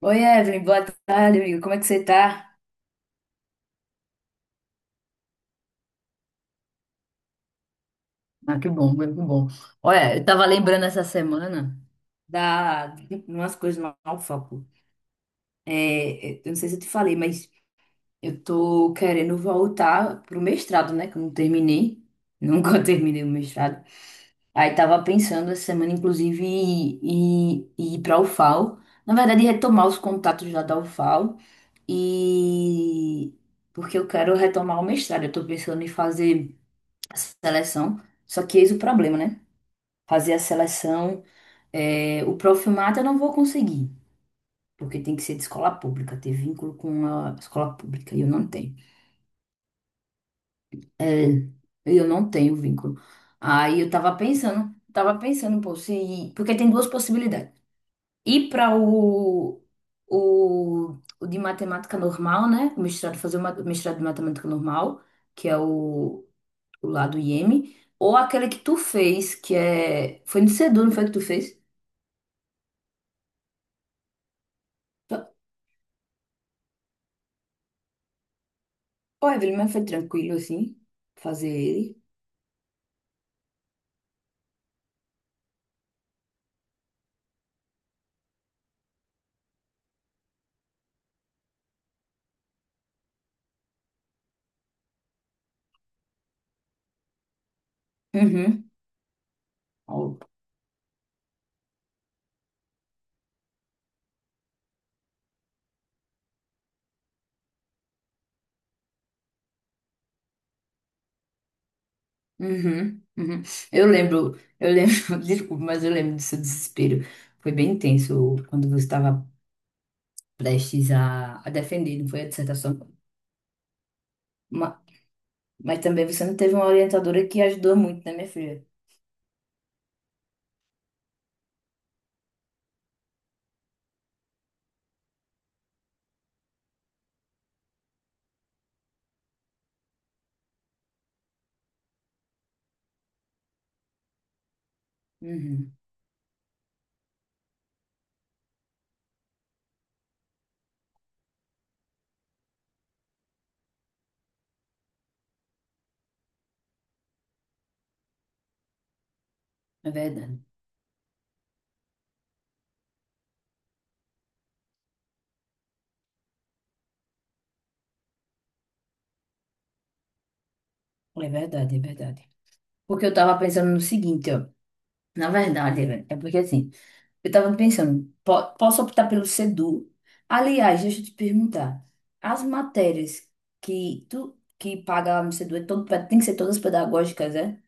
Oi, Evelyn, boa tarde, amigo. Como é que você tá? Ah, que bom, que bom. Olha, eu tava lembrando essa semana. Da de umas coisas lá no foco. Eu não sei se eu te falei, mas eu tô querendo voltar pro mestrado, né? Que eu não terminei. Nunca terminei o mestrado. Aí tava pensando essa semana, inclusive, em ir pra UFAL. Na verdade, retomar os contatos lá da UFAL. E porque eu quero retomar o mestrado. Eu tô pensando em fazer a seleção. Só que eis o problema, né? Fazer a seleção, o profilmato eu não vou conseguir, porque tem que ser de escola pública, ter vínculo com a escola pública, e eu não tenho. É, eu não tenho vínculo. Aí eu tava pensando, pô, se, porque tem duas possibilidades. Ir para o de matemática normal, né? O mestrado, fazer o o mestrado de matemática normal, que é o lá do Iêmen, ou aquele que tu fez, que é. Foi no Sedu, não foi que tu fez? Foi, Evelyn, mas foi tranquilo assim, fazer ele. Uhum. Ó, uhum. Uhum. Eu lembro, desculpa, mas eu lembro do seu desespero. Foi bem intenso quando você estava prestes a defender, não foi a dissertação. Ma- Mas, também você não teve uma orientadora que ajudou muito, né, minha filha? Uhum. É verdade. É verdade. Porque eu tava pensando no seguinte, ó. Na verdade, Evelyn, é porque assim. Eu tava pensando, posso optar pelo SEDU. Aliás, deixa eu te perguntar, as matérias que tu que paga lá no SEDU é todo, tem que ser todas pedagógicas, é?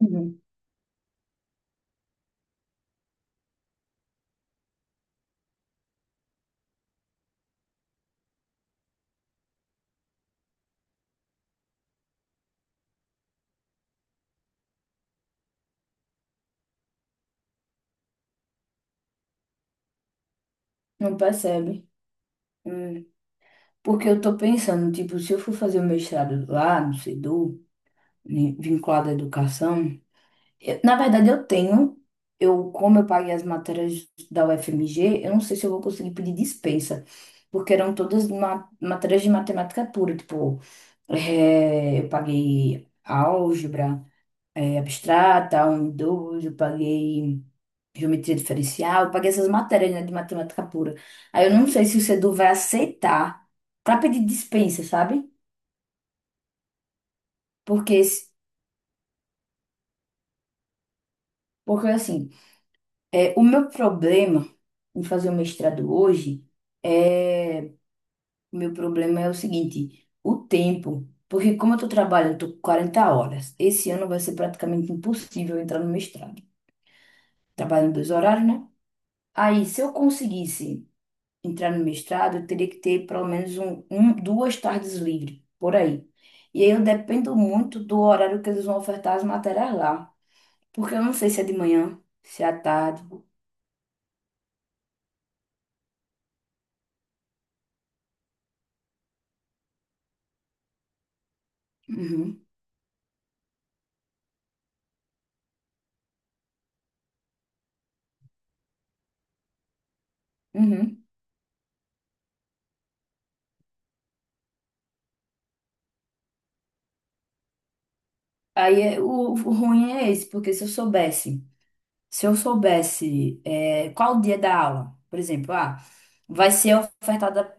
Uhum. Não percebe? Hum. Porque eu tô pensando, tipo, se eu for fazer o mestrado lá no SEDU, né, vinculado à educação, na verdade eu tenho, eu como eu paguei as matérias da UFMG, eu não sei se eu vou conseguir pedir dispensa, porque eram todas matérias de matemática pura, tipo. É, eu paguei álgebra, é, abstrata, um 2 eu paguei geometria diferencial, eu paguei essas matérias, né, de matemática pura. Aí eu não sei se o sedu vai aceitar para pedir dispensa, sabe? Porque, porque assim, é, o meu problema em fazer o mestrado hoje é. O meu problema é o seguinte: o tempo. Porque como eu tô trabalhando, tô com 40 horas. Esse ano vai ser praticamente impossível eu entrar no mestrado. Trabalho em dois horários, né? Aí, se eu conseguisse entrar no mestrado, eu teria que ter pelo menos duas tardes livres, por aí. E aí eu dependo muito do horário que eles vão ofertar as matérias lá. Porque eu não sei se é de manhã, se é à tarde. Uhum, uhum. Aí o ruim é esse, porque se eu soubesse qual o dia da aula, por exemplo, ah, vai ser ofertada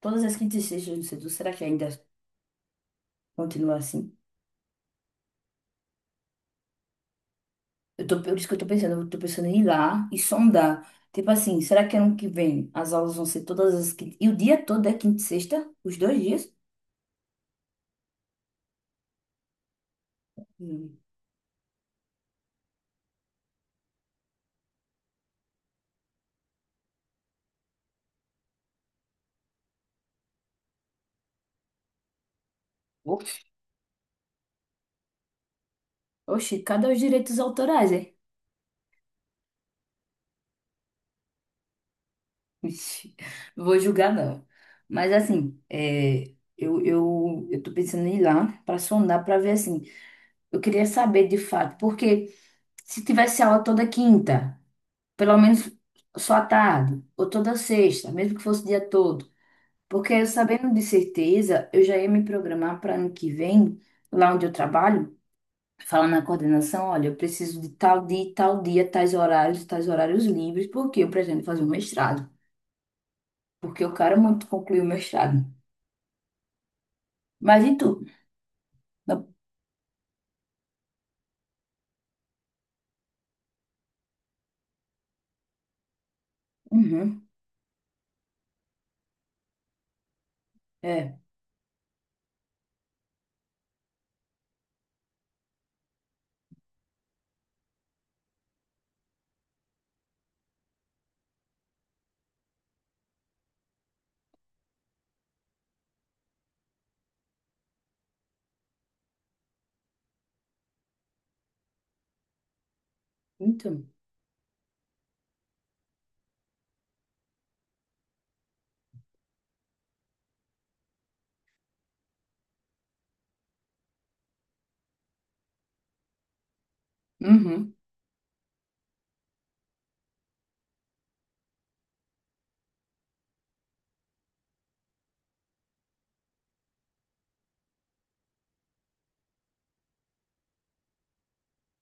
todas as quintas e sextas, não sei, será que ainda continua assim? Eu tô, por isso que eu tô pensando em ir lá e sondar. Tipo assim, será que ano que vem as aulas vão ser todas as quinta... E o dia todo é quinta e sexta? Os dois dias? Hum. Oxe. Oxi, cadê os direitos autorais, hein? Ixi, não vou julgar, não. Mas assim, é, eu tô pensando em ir lá pra sondar, pra ver assim. Eu queria saber de fato, porque se tivesse aula toda quinta, pelo menos só à tarde, ou toda sexta, mesmo que fosse o dia todo. Porque sabendo de certeza, eu já ia me programar para ano que vem, lá onde eu trabalho, falar na coordenação, olha, eu preciso de tal dia, tais horários livres, porque eu pretendo fazer um mestrado. Porque eu quero muito concluir o mestrado. Mas e tu? Não, uhum, é, então. Uhum.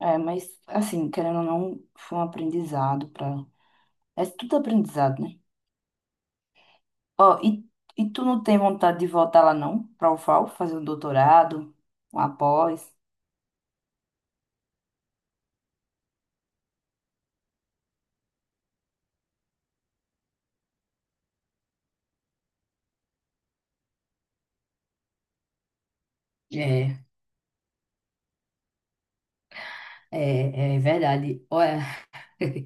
É, mas assim, querendo ou não, foi um aprendizado para. É tudo aprendizado, né? Ó, e tu não tem vontade de voltar lá não? Para o UFAL, fazer um doutorado, um após? É, é verdade. Olha,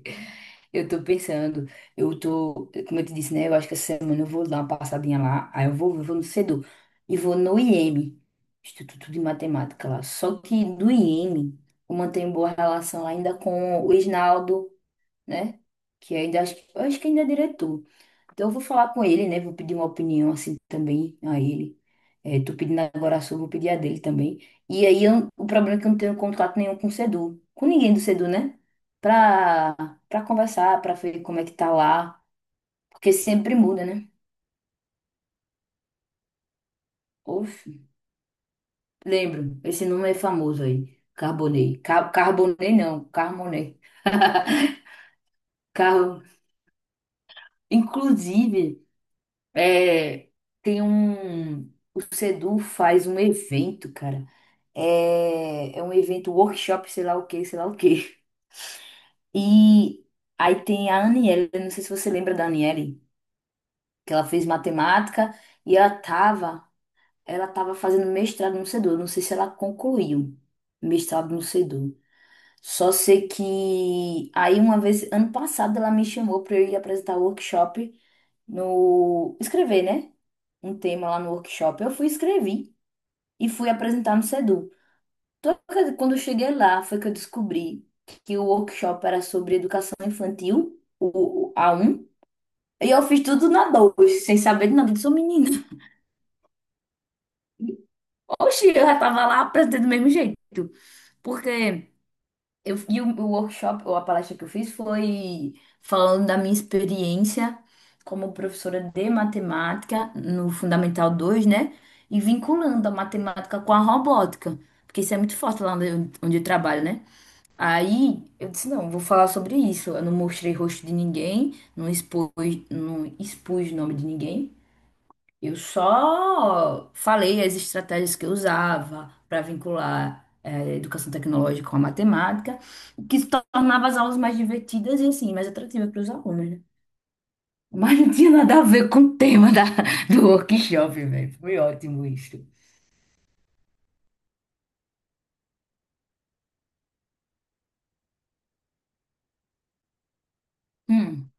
eu tô pensando, eu tô, como eu te disse, né? Eu acho que essa semana eu vou dar uma passadinha lá, aí eu vou no CEDU e vou no IEM, Instituto de Matemática lá. Só que do IEM eu mantenho boa relação ainda com o Isnaldo, né? Que ainda acho, eu acho que ainda é diretor. Então eu vou falar com ele, né? Vou pedir uma opinião assim também a ele. É, tô pedindo agora a sua, vou pedir a dele também. E o problema é que eu não tenho contato nenhum com o Sedu, com ninguém do Sedu, né? Pra, pra conversar, pra ver como é que tá lá. Porque sempre muda, né? Oxe, lembro, esse nome é famoso aí. Carbonei. Carbonei não, Carmonei. Car... Inclusive. É, tem um. O Sedu faz um evento, cara. É, é um evento, workshop, sei lá o que, sei lá o que. E aí tem a Aniele, eu não sei se você lembra da Aniele, que ela fez matemática e ela tava fazendo mestrado no Sedu. Eu não sei se ela concluiu mestrado no Sedu. Só sei que aí uma vez, ano passado, ela me chamou para eu ir apresentar o workshop no escrever, né? Um tema lá no workshop. Eu fui escrevi e fui apresentar no SEDU. Só que quando eu cheguei lá, foi que eu descobri que o workshop era sobre educação infantil, o a um e eu fiz tudo na 2 sem saber de nada, eu sou menina. Oxi, eu já tava lá apresentando do mesmo jeito, porque eu, e o workshop, ou a palestra que eu fiz, foi falando da minha experiência como professora de matemática no Fundamental dois, né? E vinculando a matemática com a robótica, porque isso é muito forte lá onde eu trabalho, né? Aí eu disse: não, vou falar sobre isso. Eu não mostrei rosto de ninguém, não expus, não expus o nome de ninguém. Eu só falei as estratégias que eu usava para vincular educação tecnológica com a matemática, o que se tornava as aulas mais divertidas e assim, mais atrativas para os alunos, né? Mas não tinha nada a ver com o tema da, do workshop, velho. Foi ótimo isso. Hum.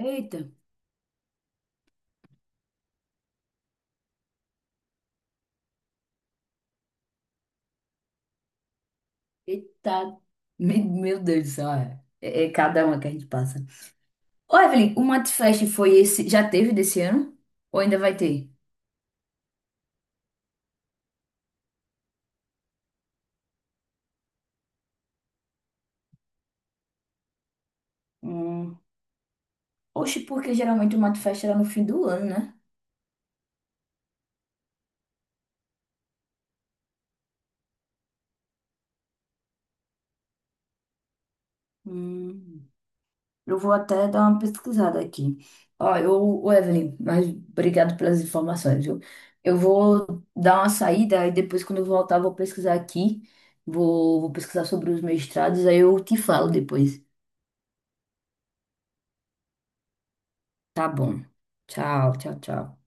Eita, eita. Meu Deus do céu, é, é cada uma que a gente passa. Ô, Evelyn, o Matfest foi esse, já teve desse ano? Ou ainda vai ter? Hum. Oxe, porque geralmente o Matfest era no fim do ano, né? Hum, eu vou até dar uma pesquisada aqui. Ó, eu, o Evelyn, mas obrigado pelas informações, viu? Eu vou dar uma saída e depois, quando eu voltar, eu vou pesquisar aqui. Vou pesquisar sobre os mestrados, aí eu te falo depois. Tá bom. Tchau, tchau, tchau.